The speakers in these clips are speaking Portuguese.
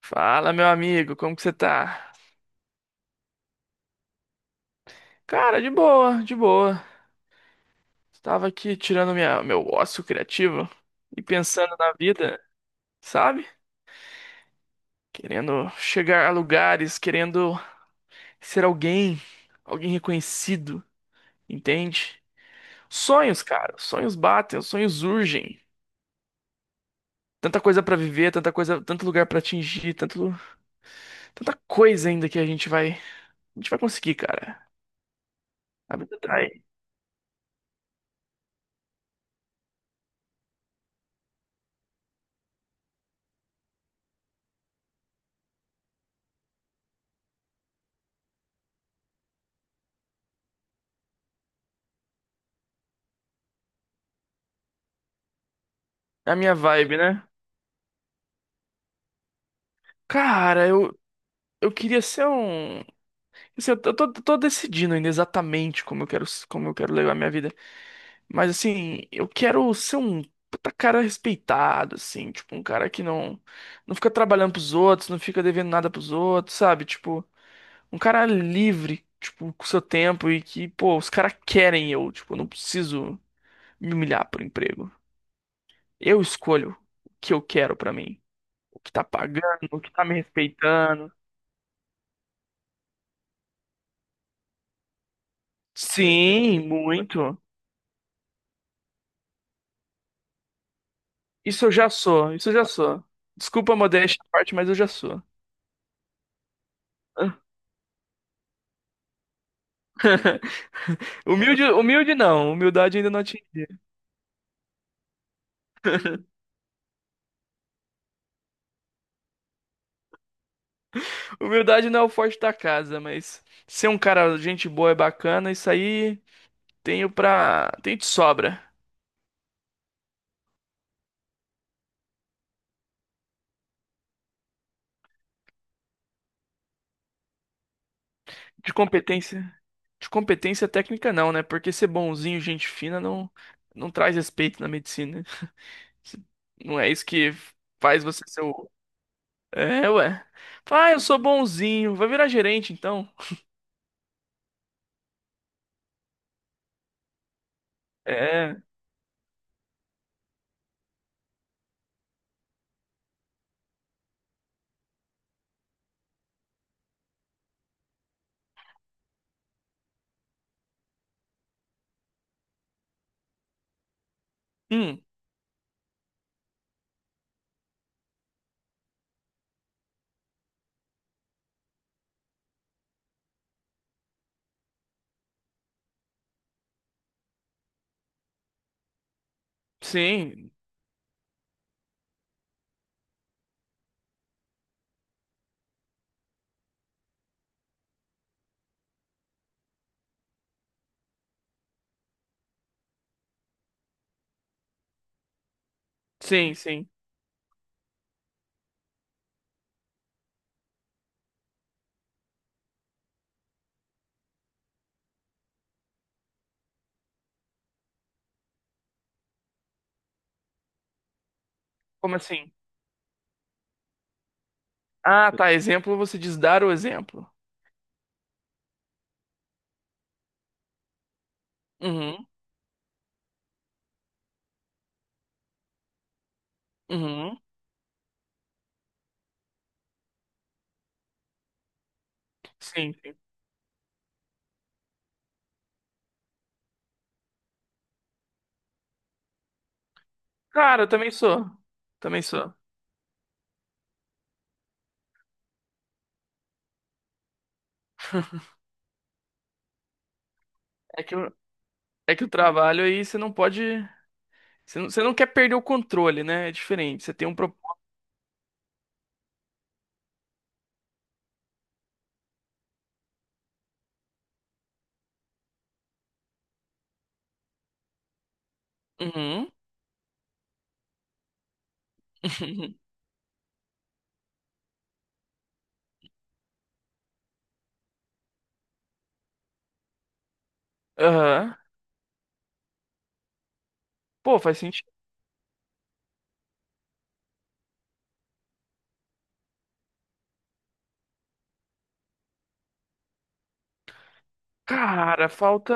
Fala, meu amigo, como que você tá? Cara, de boa, de boa. Estava aqui tirando meu ócio criativo e pensando na vida, sabe? Querendo chegar a lugares, querendo ser alguém, alguém reconhecido, entende? Sonhos, cara, sonhos batem, os sonhos urgem. Tanta coisa pra viver, tanta coisa, tanto lugar pra atingir, tanta coisa ainda que a gente vai conseguir, cara. A vida tá aí. É a minha vibe, né? Cara, eu queria ser um. Assim, eu tô decidindo ainda exatamente como eu quero levar minha vida. Mas assim, eu quero ser um puta cara respeitado, assim, tipo, um cara que não, não fica trabalhando pros outros, não fica devendo nada pros outros, sabe? Tipo, um cara livre, tipo, com seu tempo e que, pô, os caras querem eu, tipo, eu não preciso me humilhar por emprego. Eu escolho o que eu quero pra mim, o que tá pagando, o que tá me respeitando. Sim, muito. Isso eu já sou, isso eu já sou. Desculpa a modéstia à parte, mas eu já sou. Humilde, humilde não, humildade ainda não atingi. Humildade não é o forte da casa, mas ser um cara, gente boa é bacana, isso aí tenho pra. Tenho de sobra. De competência. De competência técnica não, né? Porque ser bonzinho, gente fina, não, não traz respeito na medicina. Não é isso que faz você ser o. É, ué. Ah, eu sou bonzinho. Vai virar gerente, então. É. Hum. Sim, sim, sim. Como assim? Ah, tá. Exemplo, você diz dar o exemplo. Uhum, uhum. Sim, sim. Cara, eu também sou. Também sou. É que o, é que o trabalho aí você não pode. Você não quer perder o controle, né? É diferente. Você tem um propósito. Uhum. Aham. Pô, faz sentido. Cara, falta.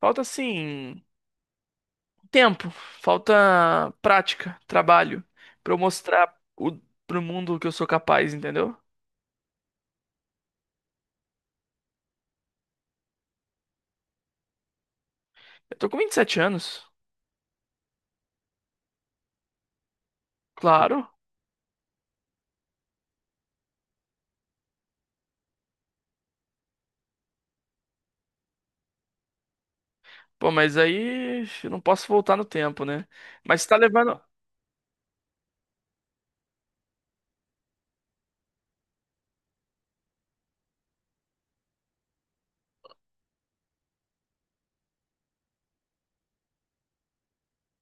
Falta assim. Tempo. Falta prática, trabalho. Pra eu mostrar o, pro mundo que eu sou capaz, entendeu? Eu tô com 27 anos. Claro. Pô, mas aí eu não posso voltar no tempo, né? Mas tá levando.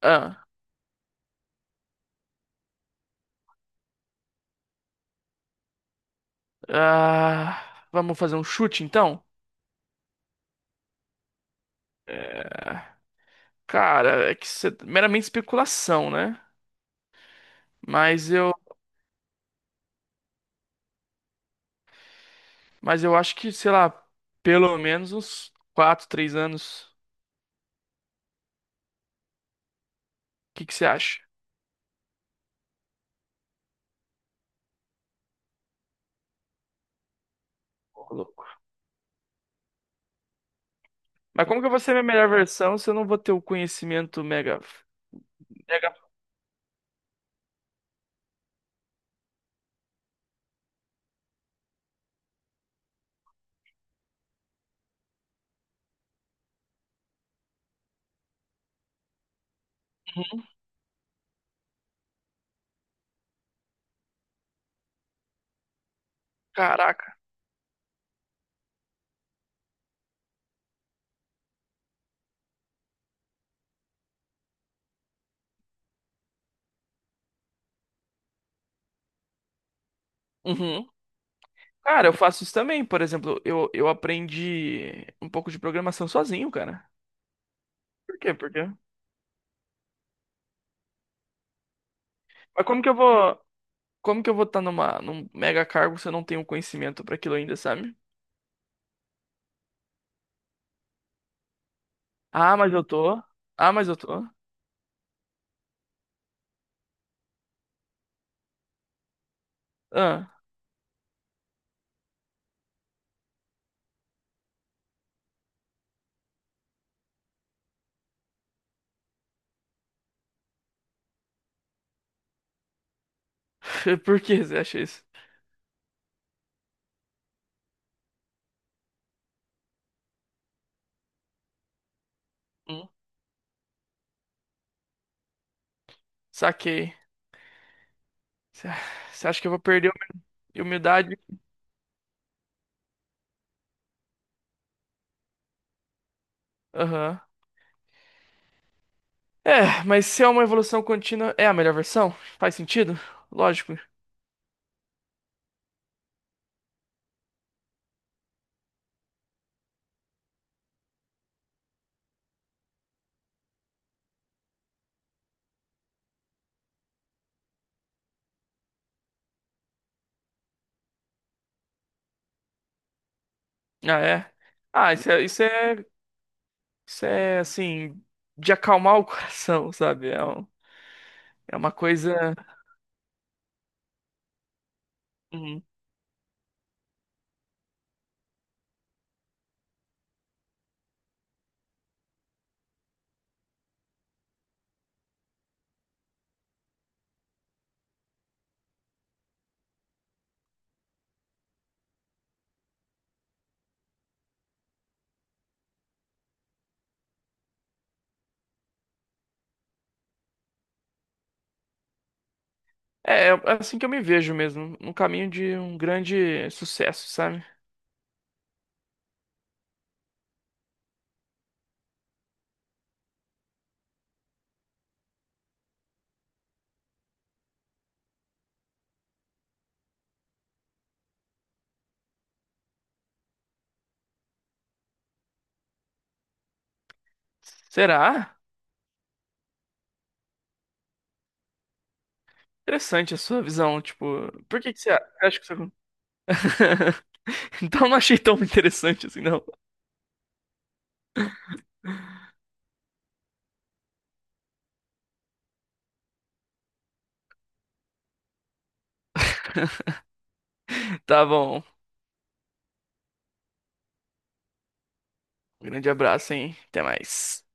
Ah, ah, vamos fazer um chute então? Cara, é que isso é meramente especulação, né? Mas eu, mas eu acho que, sei lá, pelo menos uns 4, 3 anos. O que que você acha? Ô, louco. Mas como que eu vou ser minha melhor versão se eu não vou ter o conhecimento mega, mega... Caraca. Uhum. Cara, eu faço isso também. Por exemplo, eu aprendi um pouco de programação sozinho, cara. Por quê? Por quê? Mas como que eu vou, como que eu vou estar numa, num mega cargo se eu não tenho conhecimento pra aquilo ainda, sabe? Ah, mas eu tô. Ah, mas eu tô. Ah, por que você acha isso? Hum, saquei. Você você acha que eu vou perder a minha humildade? Aham. É, mas se é uma evolução contínua, é a melhor versão? Faz sentido? Lógico. Ah, é. Ah, isso é, isso é Isso é assim, de acalmar o coração, sabe? É uma coisa. Uhum. É, é assim que eu me vejo mesmo, no caminho de um grande sucesso, sabe? Será? Interessante a sua visão, tipo, por que que você acha que isso Então não achei tão interessante assim, não. Tá bom. Um grande abraço, hein? Até mais.